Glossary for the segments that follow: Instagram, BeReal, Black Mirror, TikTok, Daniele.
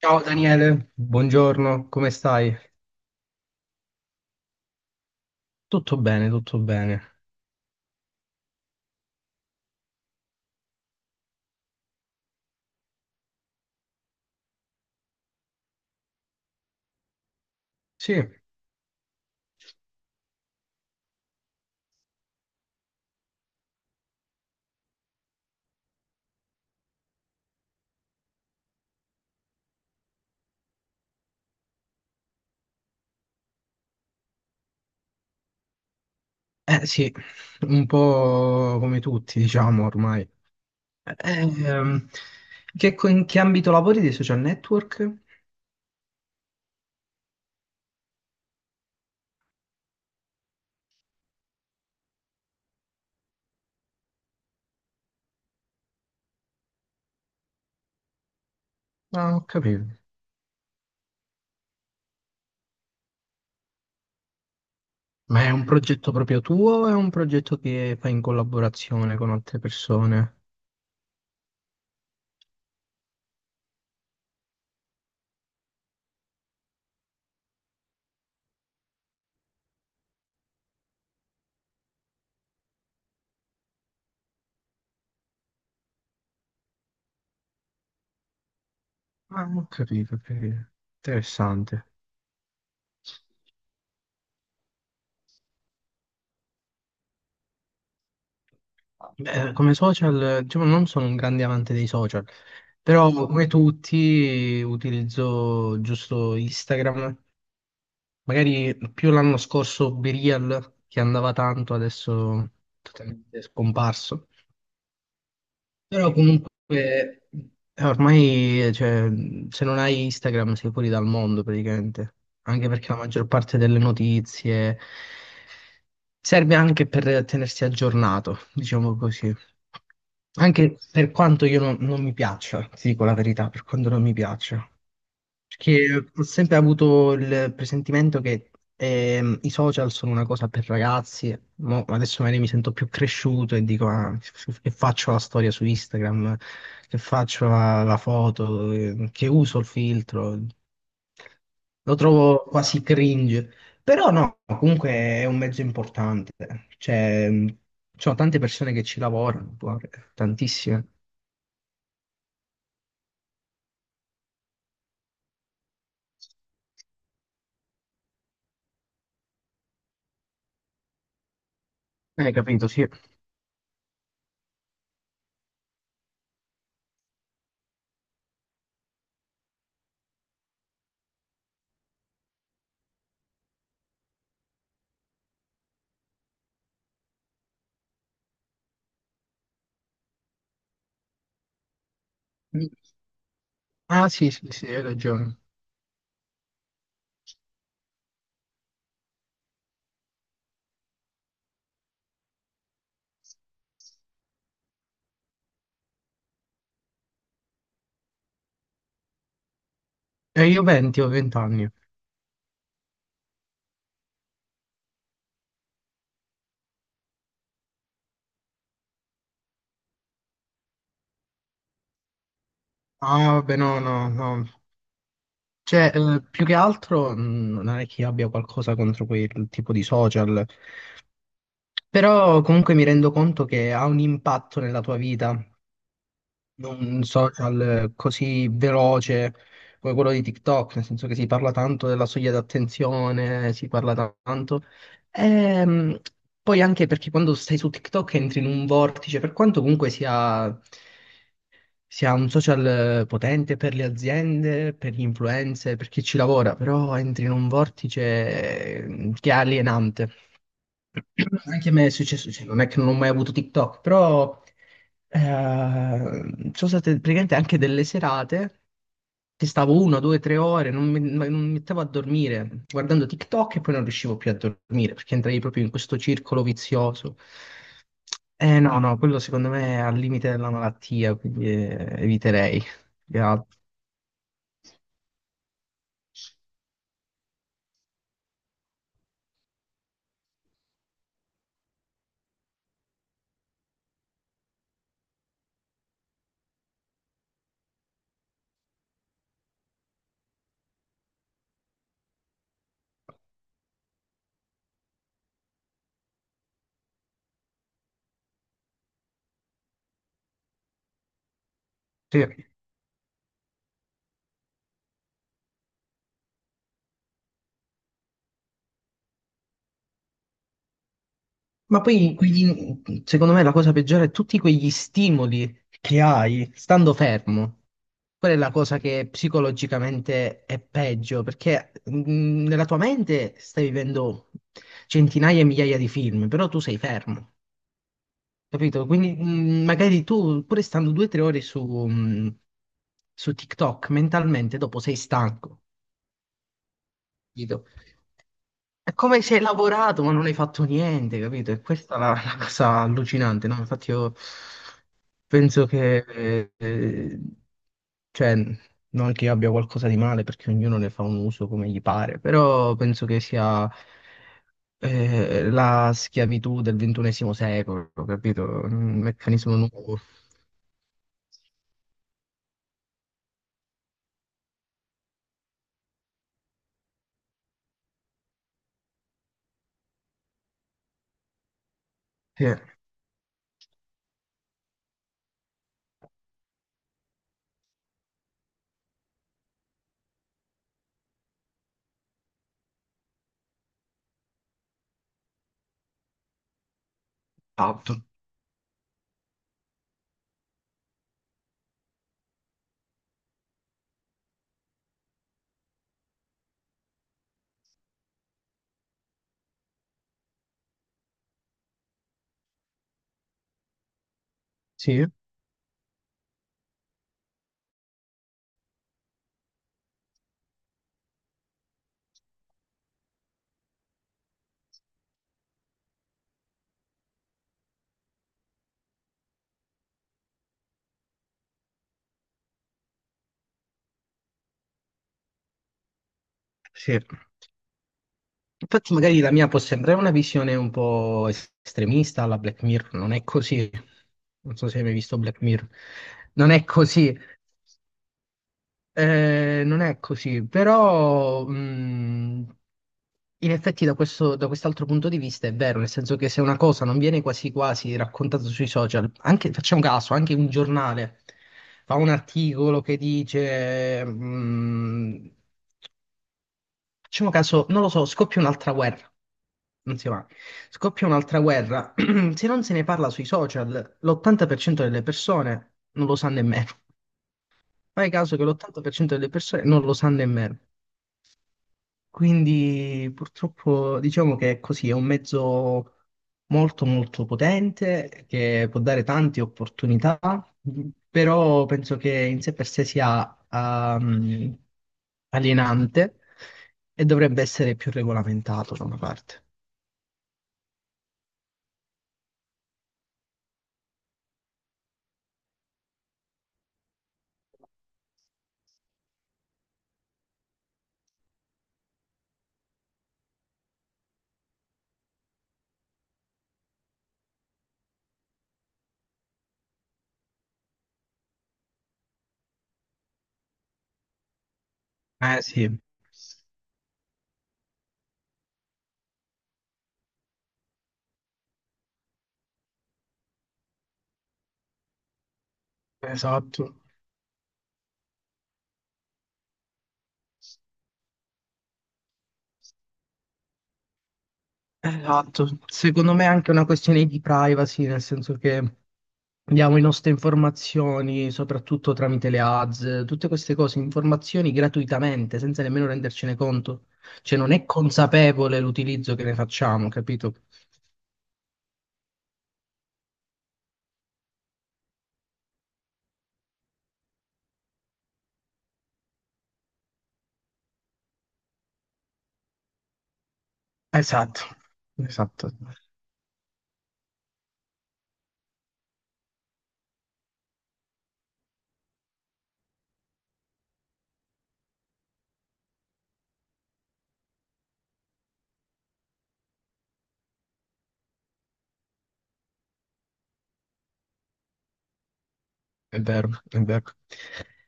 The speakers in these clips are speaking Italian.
Ciao Daniele, buongiorno, come stai? Tutto bene, tutto bene. Sì, eh sì, un po' come tutti, diciamo ormai. Ehm, in che ambito lavori dei social network? Ah, ho capito. Ma è un progetto proprio tuo o è un progetto che fai in collaborazione con altre persone? Ah, ho capito, ho capito. Interessante. Beh, come social, diciamo, non sono un grande amante dei social, però come tutti utilizzo giusto Instagram, magari più l'anno scorso BeReal che andava tanto, adesso totalmente scomparso. Però comunque ormai, cioè, se non hai Instagram sei fuori dal mondo praticamente, anche perché la maggior parte delle notizie serve anche per tenersi aggiornato, diciamo così. Anche per quanto io non mi piaccia, ti dico la verità, per quanto non mi piaccia. Perché ho sempre avuto il presentimento che i social sono una cosa per ragazzi, mo adesso magari mi sento più cresciuto e dico: "Ah, che faccio la storia su Instagram, che faccio la foto, che uso il filtro", lo trovo quasi cringe, però no, comunque è un mezzo importante, cioè, ci sono tante persone che ci lavorano, guarda, tantissime. Hai capito, sì. Ah sì, sì, sì, hai ragione. E io 20, ho 20 anni. Ah, vabbè, no, no, no. Cioè, più che altro, non è che abbia qualcosa contro quel tipo di social, però comunque mi rendo conto che ha un impatto nella tua vita, un social così veloce come quello di TikTok, nel senso che si parla tanto della soglia d'attenzione, si parla tanto. Ehm, poi anche perché quando stai su TikTok entri in un vortice, per quanto comunque sia un social potente per le aziende, per gli influencer, per chi ci lavora, però entri in un vortice che è alienante. Anche a me è successo, cioè, non è che non ho mai avuto TikTok, però eh, ci sono state praticamente anche delle serate che stavo una, due, tre ore, non mi, ma non mi mettevo a dormire guardando TikTok e poi non riuscivo più a dormire perché entrai proprio in questo circolo vizioso. Eh no, no, quello secondo me è al limite della malattia, quindi eviterei più che altro. Sì. Ma poi, secondo me, la cosa peggiore è tutti quegli stimoli che hai stando fermo. Quella è la cosa che psicologicamente è peggio, perché nella tua mente stai vivendo centinaia e migliaia di film, però tu sei fermo, capito? Quindi magari tu, pure stando due o tre ore su, su TikTok, mentalmente dopo sei stanco, capito? È come se hai lavorato ma non hai fatto niente, capito? E questa è la cosa allucinante, no? Infatti io penso che, cioè, non che io abbia qualcosa di male perché ognuno ne fa un uso come gli pare, però penso che sia la schiavitù del ventunesimo secolo, capito? Un meccanismo nuovo. Sì, esatto. Sì, sì. Infatti magari la mia può sembrare una visione un po' estremista alla Black Mirror, non è così. Non so se hai mai visto Black Mirror. Non è così, non è così, però in effetti da questo, da quest'altro punto di vista è vero, nel senso che se una cosa non viene quasi quasi raccontata sui social, anche, facciamo caso, anche un giornale fa un articolo che dice. Facciamo caso, non lo so, scoppia un'altra guerra. Non si va. Scoppia un'altra guerra. Se non se ne parla sui social, l'80% delle persone non lo sa nemmeno. Fai caso che l'80% delle persone non lo sa nemmeno. Quindi purtroppo diciamo che è così, è un mezzo molto molto potente che può dare tante opportunità, però penso che in sé per sé sia alienante e dovrebbe essere più regolamentato da una parte. Eh sì, esatto. Esatto, secondo me è anche una questione di privacy, nel senso che diamo le nostre informazioni, soprattutto tramite le ads, tutte queste cose, informazioni gratuitamente, senza nemmeno rendercene conto. Cioè non è consapevole l'utilizzo che ne facciamo, capito? Esatto, esatto, è vero, è vero.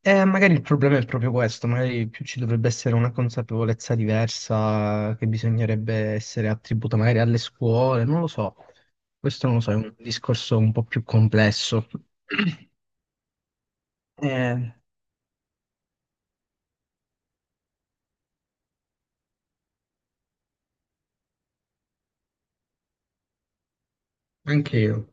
Magari il problema è proprio questo, magari più ci dovrebbe essere una consapevolezza diversa che bisognerebbe essere attribuita magari alle scuole, non lo so. Questo non lo so, è un discorso un po' più complesso. Eh, anche io.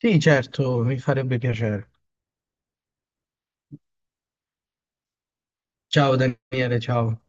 Sì, certo, mi farebbe piacere. Ciao Daniele, ciao.